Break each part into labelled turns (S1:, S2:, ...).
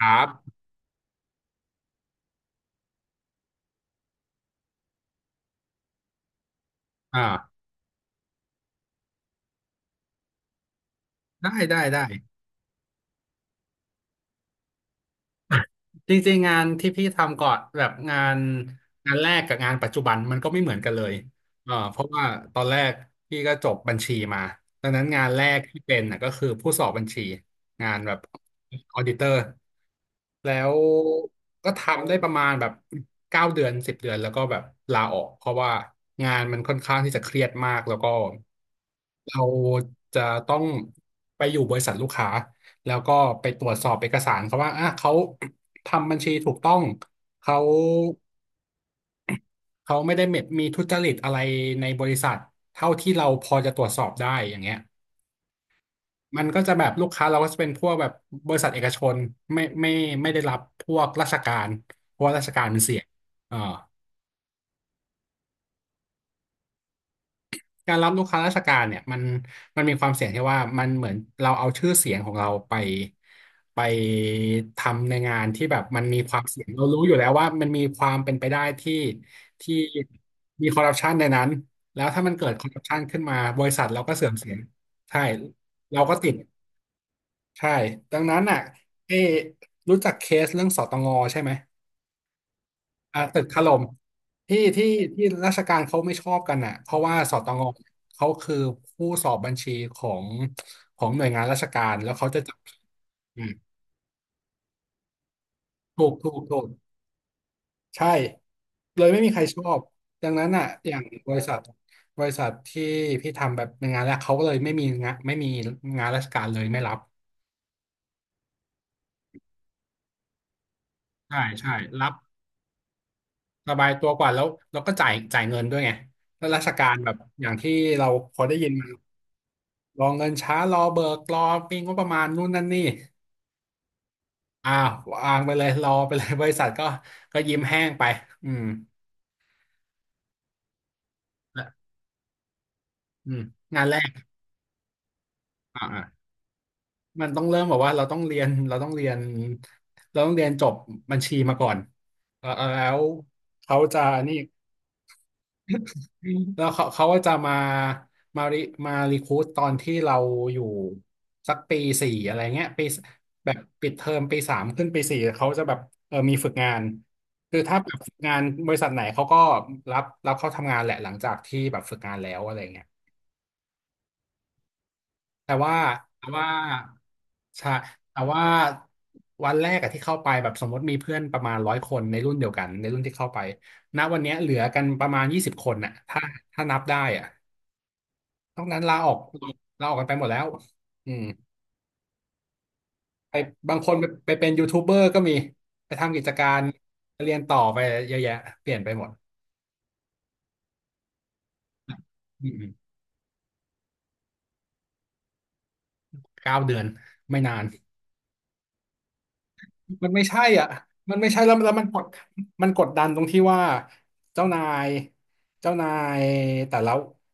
S1: ครับอ่าได้ได้ได้จริงๆงานที่พี่ทำก่อนแบบงานแรกกับงานปัจจุบันมันก็ไม่เหมือนกันเลยเพราะว่าตอนแรกพี่ก็จบบัญชีมาดังนั้นงานแรกที่เป็นน่ะก็คือผู้สอบบัญชีงานแบบออดิเตอร์แล้วก็ทำได้ประมาณแบบเก้าเดือน10 เดือนแล้วก็แบบลาออกเพราะว่างานมันค่อนข้างที่จะเครียดมากแล้วก็เราจะต้องไปอยู่บริษัทลูกค้า แล้วก็ไปตรวจสอบเอกสารเขาว่าอ่ะเขาทำบัญชีถูกต้องเขาเขาไม่ได้มีทุจริตอะไรในบริษัทเท่าที่เราพอจะตรวจสอบได้อย่างเงี้ยมันก็จะแบบลูกค้าเราก็จะเป็นพวกแบบบริษัทเอกชนไม่ไม่ไม่ได้รับพวกราชการเพราะว่าราชการมันเสี่ยงอ่า การรับลูกค้าราชการเนี่ยมันมีความเสี่ยงที่ว่ามันเหมือนเราเอาชื่อเสียงของเราไปไปทำในงานที่แบบมันมีความเสี่ยงเรารู้อยู่แล้วว่ามันมีความเป็นไปได้ที่มีคอร์รัปชันในนั้นแล้วถ้ามันเกิดคอร์รัปชันขึ้นมาบริษัทเราก็เสื่อมเสียใช่เราก็ติดใช่ดังนั้นอ่ะเอะรู้จักเคสเรื่องสตงใช่ไหม อ่าตึกถล่มที่ที่ที่ราชการเขาไม่ชอบกันอ่ะเพราะว่าสตงเขาคือผู้สอบบัญชีของของหน่วยงานราชการแล้วเขาจะจับผิดอืมถูกถูกถูกใช่เลยไม่มีใครชอบดังนั้นอ่ะอย่างบริษัทที่พี่ทำแบบเป็นงานแรกเขาก็เลยไม่มีงานราชการเลยไม่รับใช่ใช่รับสบายตัวกว่าแล้วแล้วก็จ่ายเงินด้วยไงแล้วราชการแบบอย่างที่เราพอได้ยินมา รอเงินช้ารอเบิกรอมีงบประมาณนู่นนั่นนี่อ้าววางไปเลยรอไปเลยบริษัทก็ยิ้มแห้งไปอืมและอืมงานแรกอ่าอ่ามันต้องเริ่มแบบว่าเราต้องเรียนเราต้องเรียนเราต้องเรียนจบบัญชีมาก่อนเออแล้วเขาจะนี่ แล้วเขาก็จะมาริมารีครูทตอนที่เราอยู่สักปีสี่อะไรเงี้ยปีแบบปิดเทอมปี 3ขึ้นปีสี่เขาจะแบบเออมีฝึกงานคือถ้าแบบฝึกงานบริษัทไหนเขาก็รับเข้าทำงานแหละหลังจากที่แบบฝึกงานแล้วอะไรเงี้ยแต่ว่าแต่ว่าใช่แต่ว่าวันแรกอะที่เข้าไปแบบสมมติมีเพื่อนประมาณ100 คนในรุ่นเดียวกันในรุ่นที่เข้าไปณวันเนี้ยเหลือกันประมาณ20 คนน่ะถ้านับได้อะ นอกนั้นลาออกกันไปหมดแล้วอืมไปบางคนไปเป็นยูทูบเบอร์ก็มีไปทำกิจการเรียนต่อไปเยอะแยะเปลี่ยนไปหมดอืมเก้าเดือนไม่นาน มันไม่ใช่อ่ะมันไม่ใช่แล้วแล้วมันกดดันตรงที่ว่าเจ้านายเจ้านายแต่ละ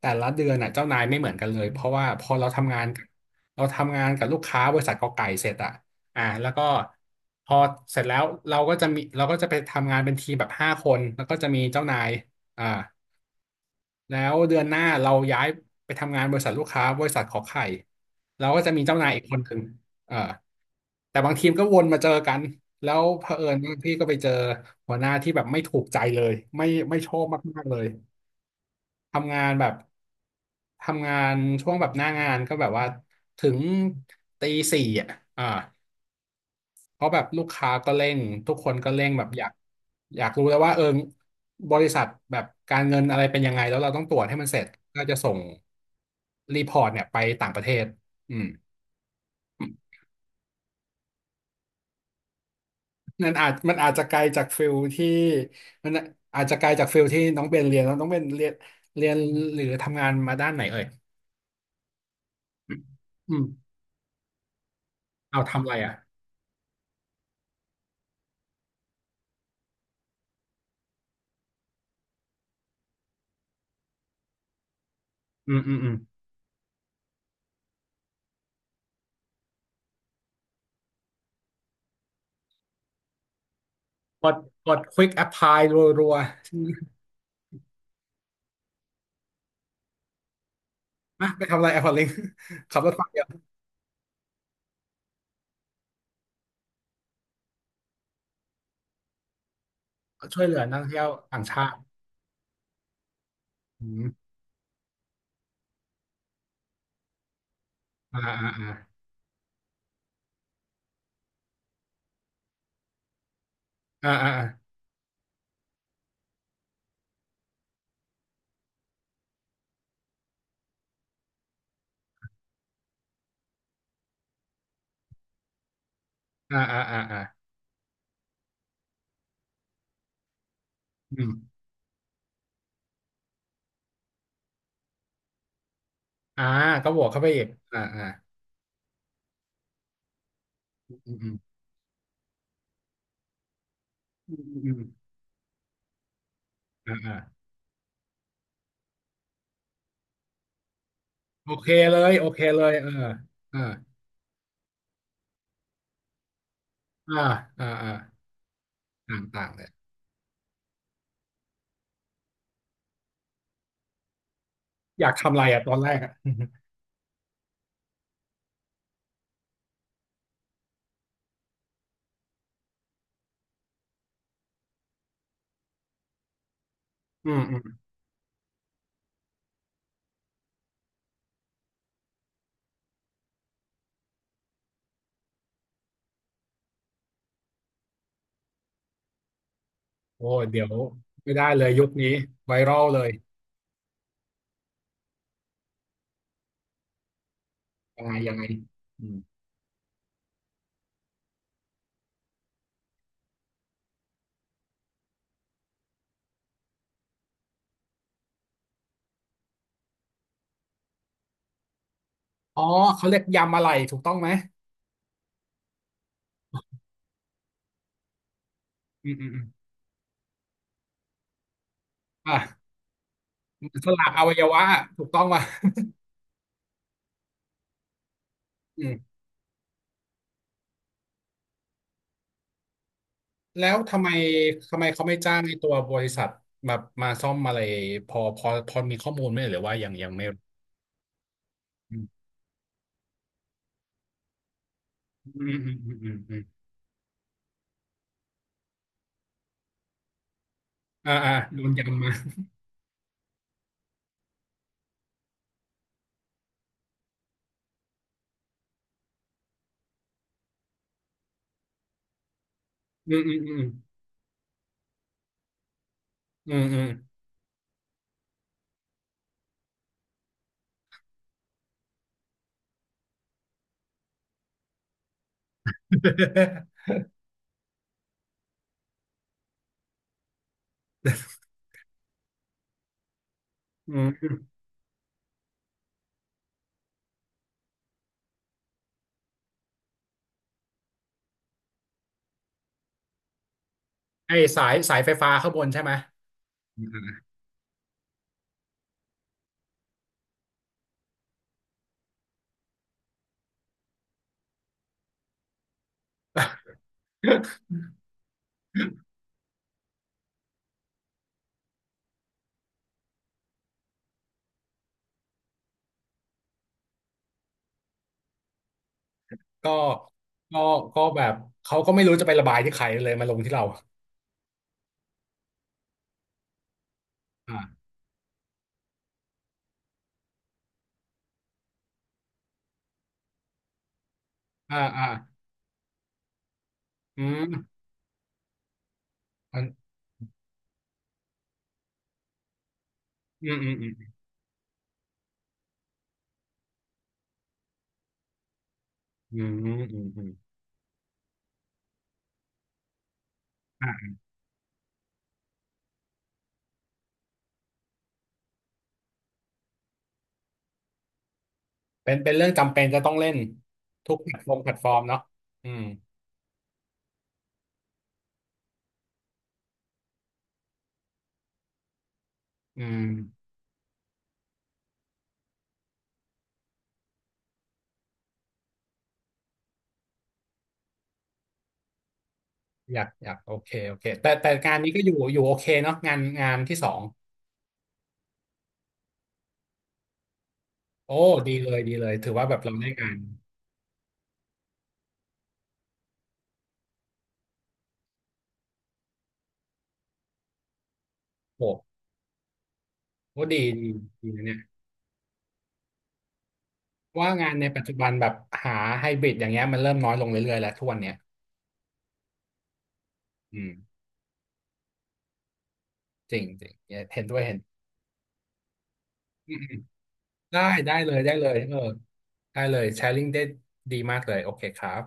S1: แต่ละเดือนน่ะเจ้านายไม่เหมือนกันเลยเพราะว่าพอเราทำงานกับลูกค้าบริษัทกอไก่เสร็จอ่ะอ่าแล้วก็พอเสร็จแล้วเราก็จะไปทำงานเป็นทีมแบบ5 คนแล้วก็จะมีเจ้านายอ่า แล้วเดือนหน้าเราย้ายไปทำงานบริษัทลูกค้าบริษัทขอไข่เราก็จะมีเจ้านายอีกคนหนึ่งเออแต่บางทีมก็วนมาเจอกันแล้วเผอิญบางที่ก็ไปเจอหัวหน้าที่แบบไม่ถูกใจเลยไม่ชอบมากๆเลยทำงานแบบทำงานช่วงแบบหน้างานก็แบบว่าถึงตี 4อ่ะอ่า เพราะแบบลูกค้าก็เร่งทุกคนก็เร่งแบบอยากรู้แล้วว่าเออบริษัทแบบการเงินอะไรเป็นยังไงแล้วเราต้องตรวจให้มันเสร็จก็จะส่งรีพอร์ตเนี่ยไปต่างประเทศอืมนั่นอาจมันอาจจะไกลจากฟิลที่มันอาจจะไกลจากฟิลที่น้องเบนเรียนแล้วน้องเบนเรียนเรียนหรือทำงานมาด้านไหนเอ่ยอืมอืมเอาทำอะไรอ่ะอืมอืมอืมกดกด quick apply รัวๆอ่ะไปทำอะไร Apple Link ขับรถไฟเดียวช่วยเหลือนักท่องเที่ยวต่างชาติ อืมอ่าอ่าอ่าอ่าอ่าอ่าอ่าอ่าอ่าอืมอ่าก็บวกเข้าไปอีกอ่าอ่าอืมอืมอืมอืมอ่าอ่าโอเคเลยโอเคเลยเอออ่าอ่าอ่าอ่าต่างต่างเลยอยากทำอะไรอ่ะตอนแรกอ่ะอืมอืมโอ้เดี๋ยวไม่ได้เลยยุคนี้ไวรัลเลยยังไงยังไงอืมอ๋อเขาเรียกยำอะไรถูกต้องไหมอืมอืมอืมอ่าสละอวัยวะถูกต้องป่ะ อืม แล้วทำไมเขาไม่จ้างในตัวบริษัทแบบมาซ่อมอะไรพอมีข้อมูลไหมหรือว่ายังไม่รู้อืมอืมอืมอืมอืมอืมอ่าอ่าโดนยันมาอืมอืมอืมอืมอืมอืมไอสายสายไฟฟ้าข้างบนใช่ไหมอืมอ่าก็ก็ก็แบบเขาก็ไม่รู้จะไประบายที่ใครเลยมาลงที่เราอ่าอ่าอ่าอืมอนอืมอืมอืมอืมอืมอืม เป็นเป็นเรื่องจำเป็นจะต้องเล่นทุกแพลตฟอร์มแพลตฟอร์มเนาะอืมอืมอยากอยากโอเคโอเคแต่แต่งานนี้ก็อยู่อยู่โอเคเนาะงานงานที่สองโอ้ดีเลยดีเลยถือว่าแบบเราได้งานโอ้็ดีดีดีนะเนี่ยว่างานในปัจจุบันแบบหาไฮบริดอย่างเงี้ยมันเริ่มน้อยลงเรื่อยๆแล้วทุกวันเนี้ยอืมจริงจริงเห็นด้วยเห็นอืมอืมได้ได้เลยได้เลยเออได้เลยแชร์ลิงได้ดีมากเลยโอเคครับ